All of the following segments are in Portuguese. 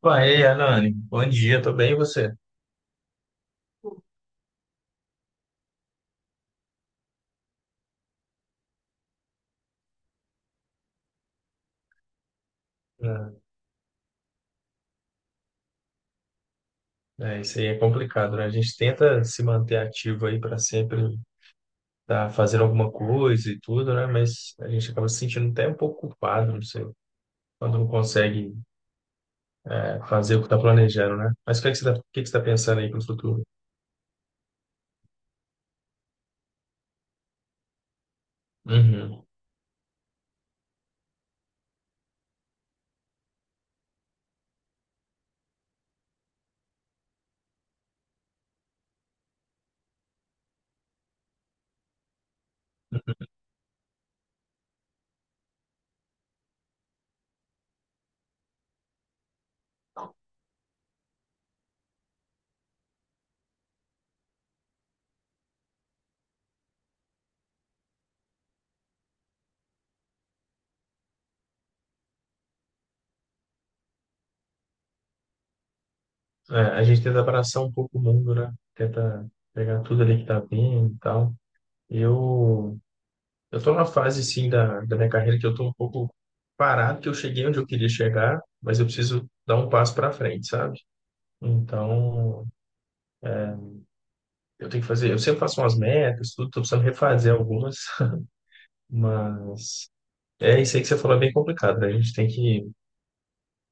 Pá, e aí, Anani, bom dia, tô bem, e você? Isso aí é complicado, né? A gente tenta se manter ativo aí para sempre estar fazendo alguma coisa e tudo, né? Mas a gente acaba se sentindo até um pouco culpado, não sei, quando não consegue fazer o que está planejando, né? Mas o que é que tá pensando aí para o futuro? Uhum. É, a gente tenta abraçar um pouco o mundo, né? Tenta pegar tudo ali que tá vindo e tal. Eu Eu tô na fase, sim, da minha carreira que eu tô um pouco parado, que eu cheguei onde eu queria chegar, mas eu preciso dar um passo para frente, sabe? Então, eu tenho que fazer, eu sempre faço umas metas, tudo, tô precisando refazer algumas, mas é isso aí que você falou, é bem complicado, né? A gente tem que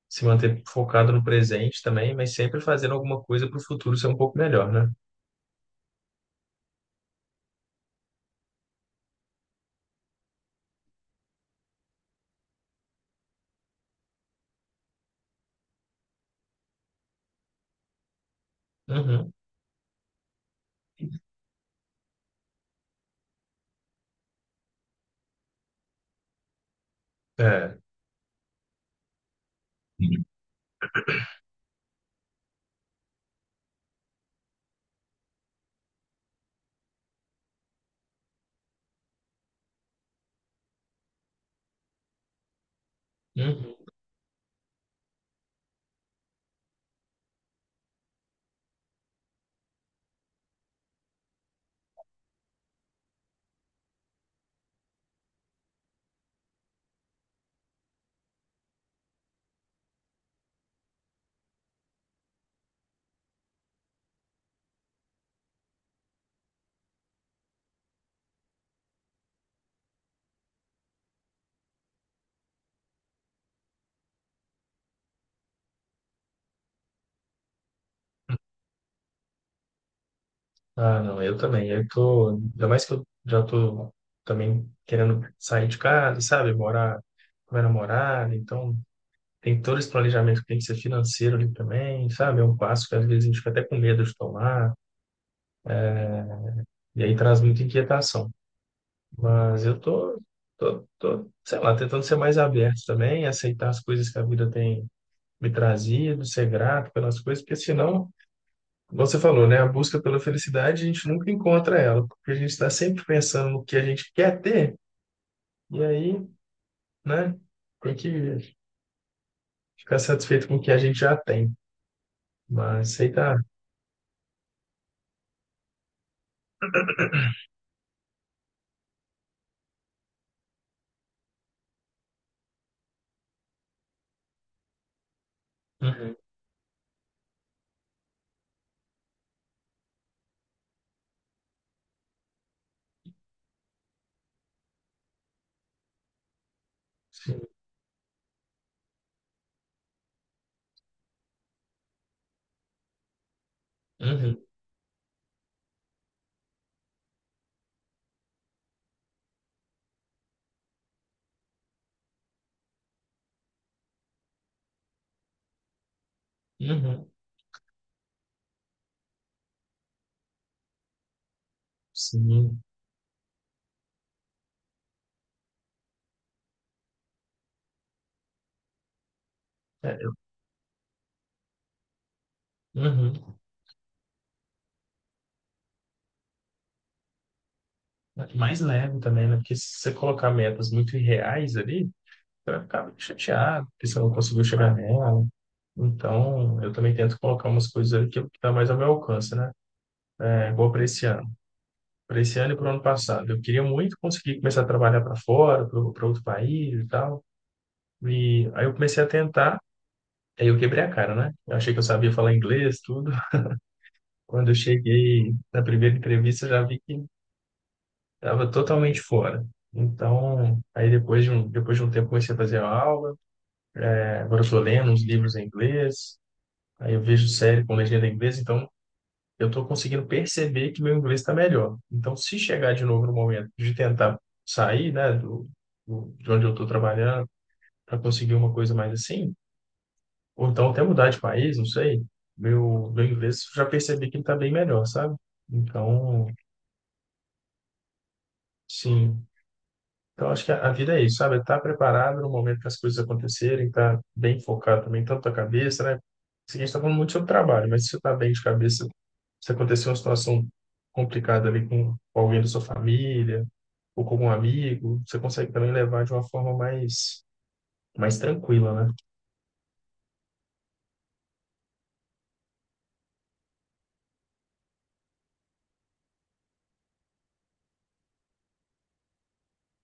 se manter focado no presente também, mas sempre fazendo alguma coisa para o futuro ser um pouco melhor, né? Uhum. É. Uhum. Ah, não, eu também. Eu tô, ainda mais que eu já tô também querendo sair de casa, sabe? Morar com minha namorada, então tem todo esse planejamento que tem que ser financeiro ali também, sabe? É um passo que às vezes a gente fica até com medo de tomar, e aí traz muita inquietação. Mas eu tô, sei lá, tentando ser mais aberto também, aceitar as coisas que a vida tem me trazido, ser grato pelas coisas, porque senão como você falou, né? A busca pela felicidade, a gente nunca encontra ela, porque a gente está sempre pensando no que a gente quer ter, e aí, né, tem que ficar satisfeito com o que a gente já tem. Mas aceitar. Uhum, sim. Uhum, uhum, sim. É, eu- uhum. Mais leve também, né? Porque se você colocar metas muito irreais ali, você vai ficar muito chateado, porque você não conseguiu chegar nela. Então, eu também tento colocar umas coisas ali que tá mais ao meu alcance, né? É, igual para esse ano. Para esse ano e para o ano passado, eu queria muito conseguir começar a trabalhar para fora, para outro país e tal. E aí eu comecei a tentar, aí eu quebrei a cara, né? Eu achei que eu sabia falar inglês, tudo. Quando eu cheguei na primeira entrevista, eu já vi que estava totalmente fora. Então, aí depois de um tempo comecei a fazer aula. É, agora eu estou lendo uns livros em inglês, aí eu vejo série com legenda em inglês, então eu estou conseguindo perceber que meu inglês está melhor. Então, se chegar de novo no momento de tentar sair, né, de onde eu estou trabalhando, para conseguir uma coisa mais assim, ou então até mudar de país, não sei, meu inglês já percebi que ele está bem melhor, sabe? Então, sim. Então, acho que a vida é isso, sabe? Estar tá preparado no momento que as coisas acontecerem, estar tá bem focado também, tanto a cabeça, né? Assim, a gente está falando muito sobre trabalho, mas se você está bem de cabeça, se acontecer uma situação complicada ali com alguém da sua família, ou com algum amigo, você consegue também levar de uma forma mais, mais tranquila, né?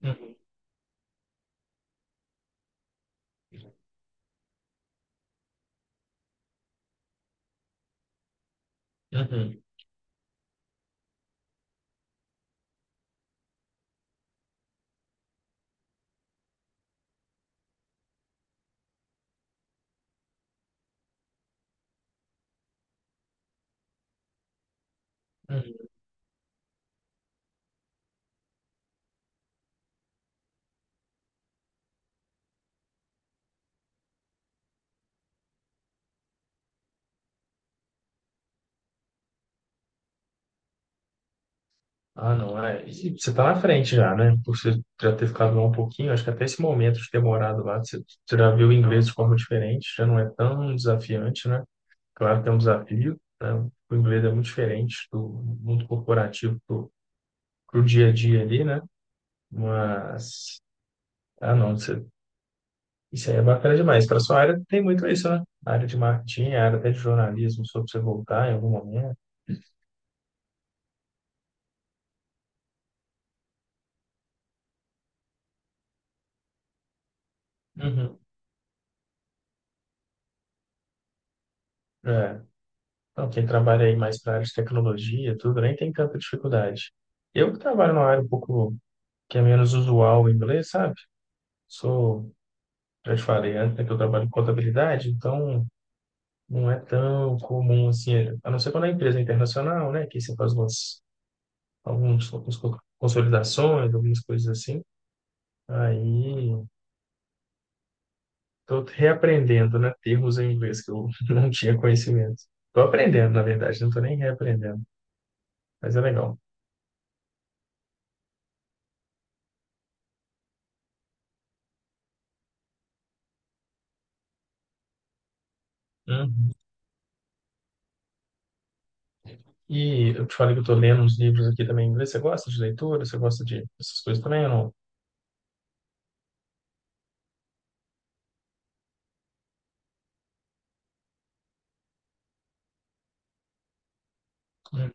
Uhum, uhum, uhum. Ah, não, é. E você está na frente já, né? Por você já ter ficado lá um pouquinho, acho que até esse momento de ter morado lá, você já viu o inglês de forma diferente, já não é tão desafiante, né? Claro que é um desafio, né? O inglês é muito diferente do mundo corporativo pro dia a dia ali, né? Mas, ah, não, você Isso aí é bacana demais. Para sua área tem muito isso, né? A área de marketing, a área até de jornalismo, sobre você voltar em algum momento. Uhum. É. Então, quem trabalha aí mais para a área de tecnologia, tudo, nem tem tanta dificuldade. Eu que trabalho numa área um pouco que é menos usual em inglês, sabe? Sou, já te falei antes, né, que eu trabalho em contabilidade, então não é tão comum assim, a não ser quando a empresa é internacional, né? Que você faz algumas consolidações, algumas coisas assim. Aí estou reaprendendo, né? Termos em inglês que eu não tinha conhecimento. Estou aprendendo, na verdade, não estou nem reaprendendo, mas é legal. Uhum. E eu te falei que eu estou lendo uns livros aqui também em inglês. Você gosta de leitura? Você gosta de essas coisas também ou não? Hum.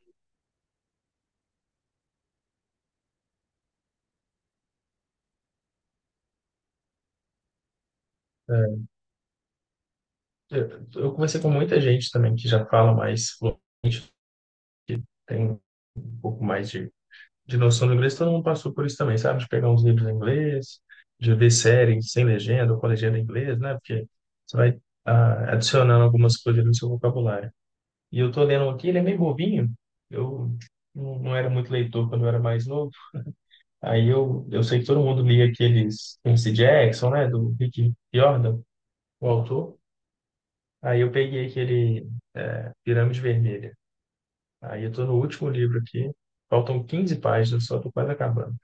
É, eu conversei com muita gente também que já fala mais fluente, que tem um pouco mais de noção do inglês. Todo mundo passou por isso também, sabe? De pegar uns livros em inglês, de ver séries sem legenda ou com legenda em inglês, né? Porque você vai adicionando algumas coisas no seu vocabulário. E eu tô lendo um aqui, ele é meio bobinho. Eu não era muito leitor quando eu era mais novo. Aí eu sei que todo mundo lia aqueles Percy Jackson, né? Do Rick Riordan, o autor. Aí eu peguei aquele Pirâmide Vermelha. Aí eu tô no último livro aqui. Faltam 15 páginas, só tô quase acabando.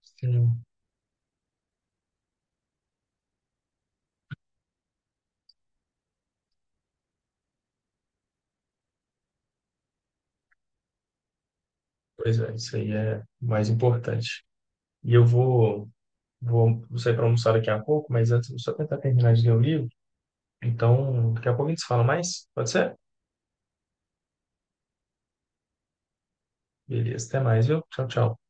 Sim. Pois é, isso aí é o mais importante. E vou sair para almoçar daqui a pouco, mas antes eu vou só tentar terminar de ler o livro. Então, daqui a pouco a gente se fala mais. Pode ser? Beleza, até mais, viu? Tchau, tchau.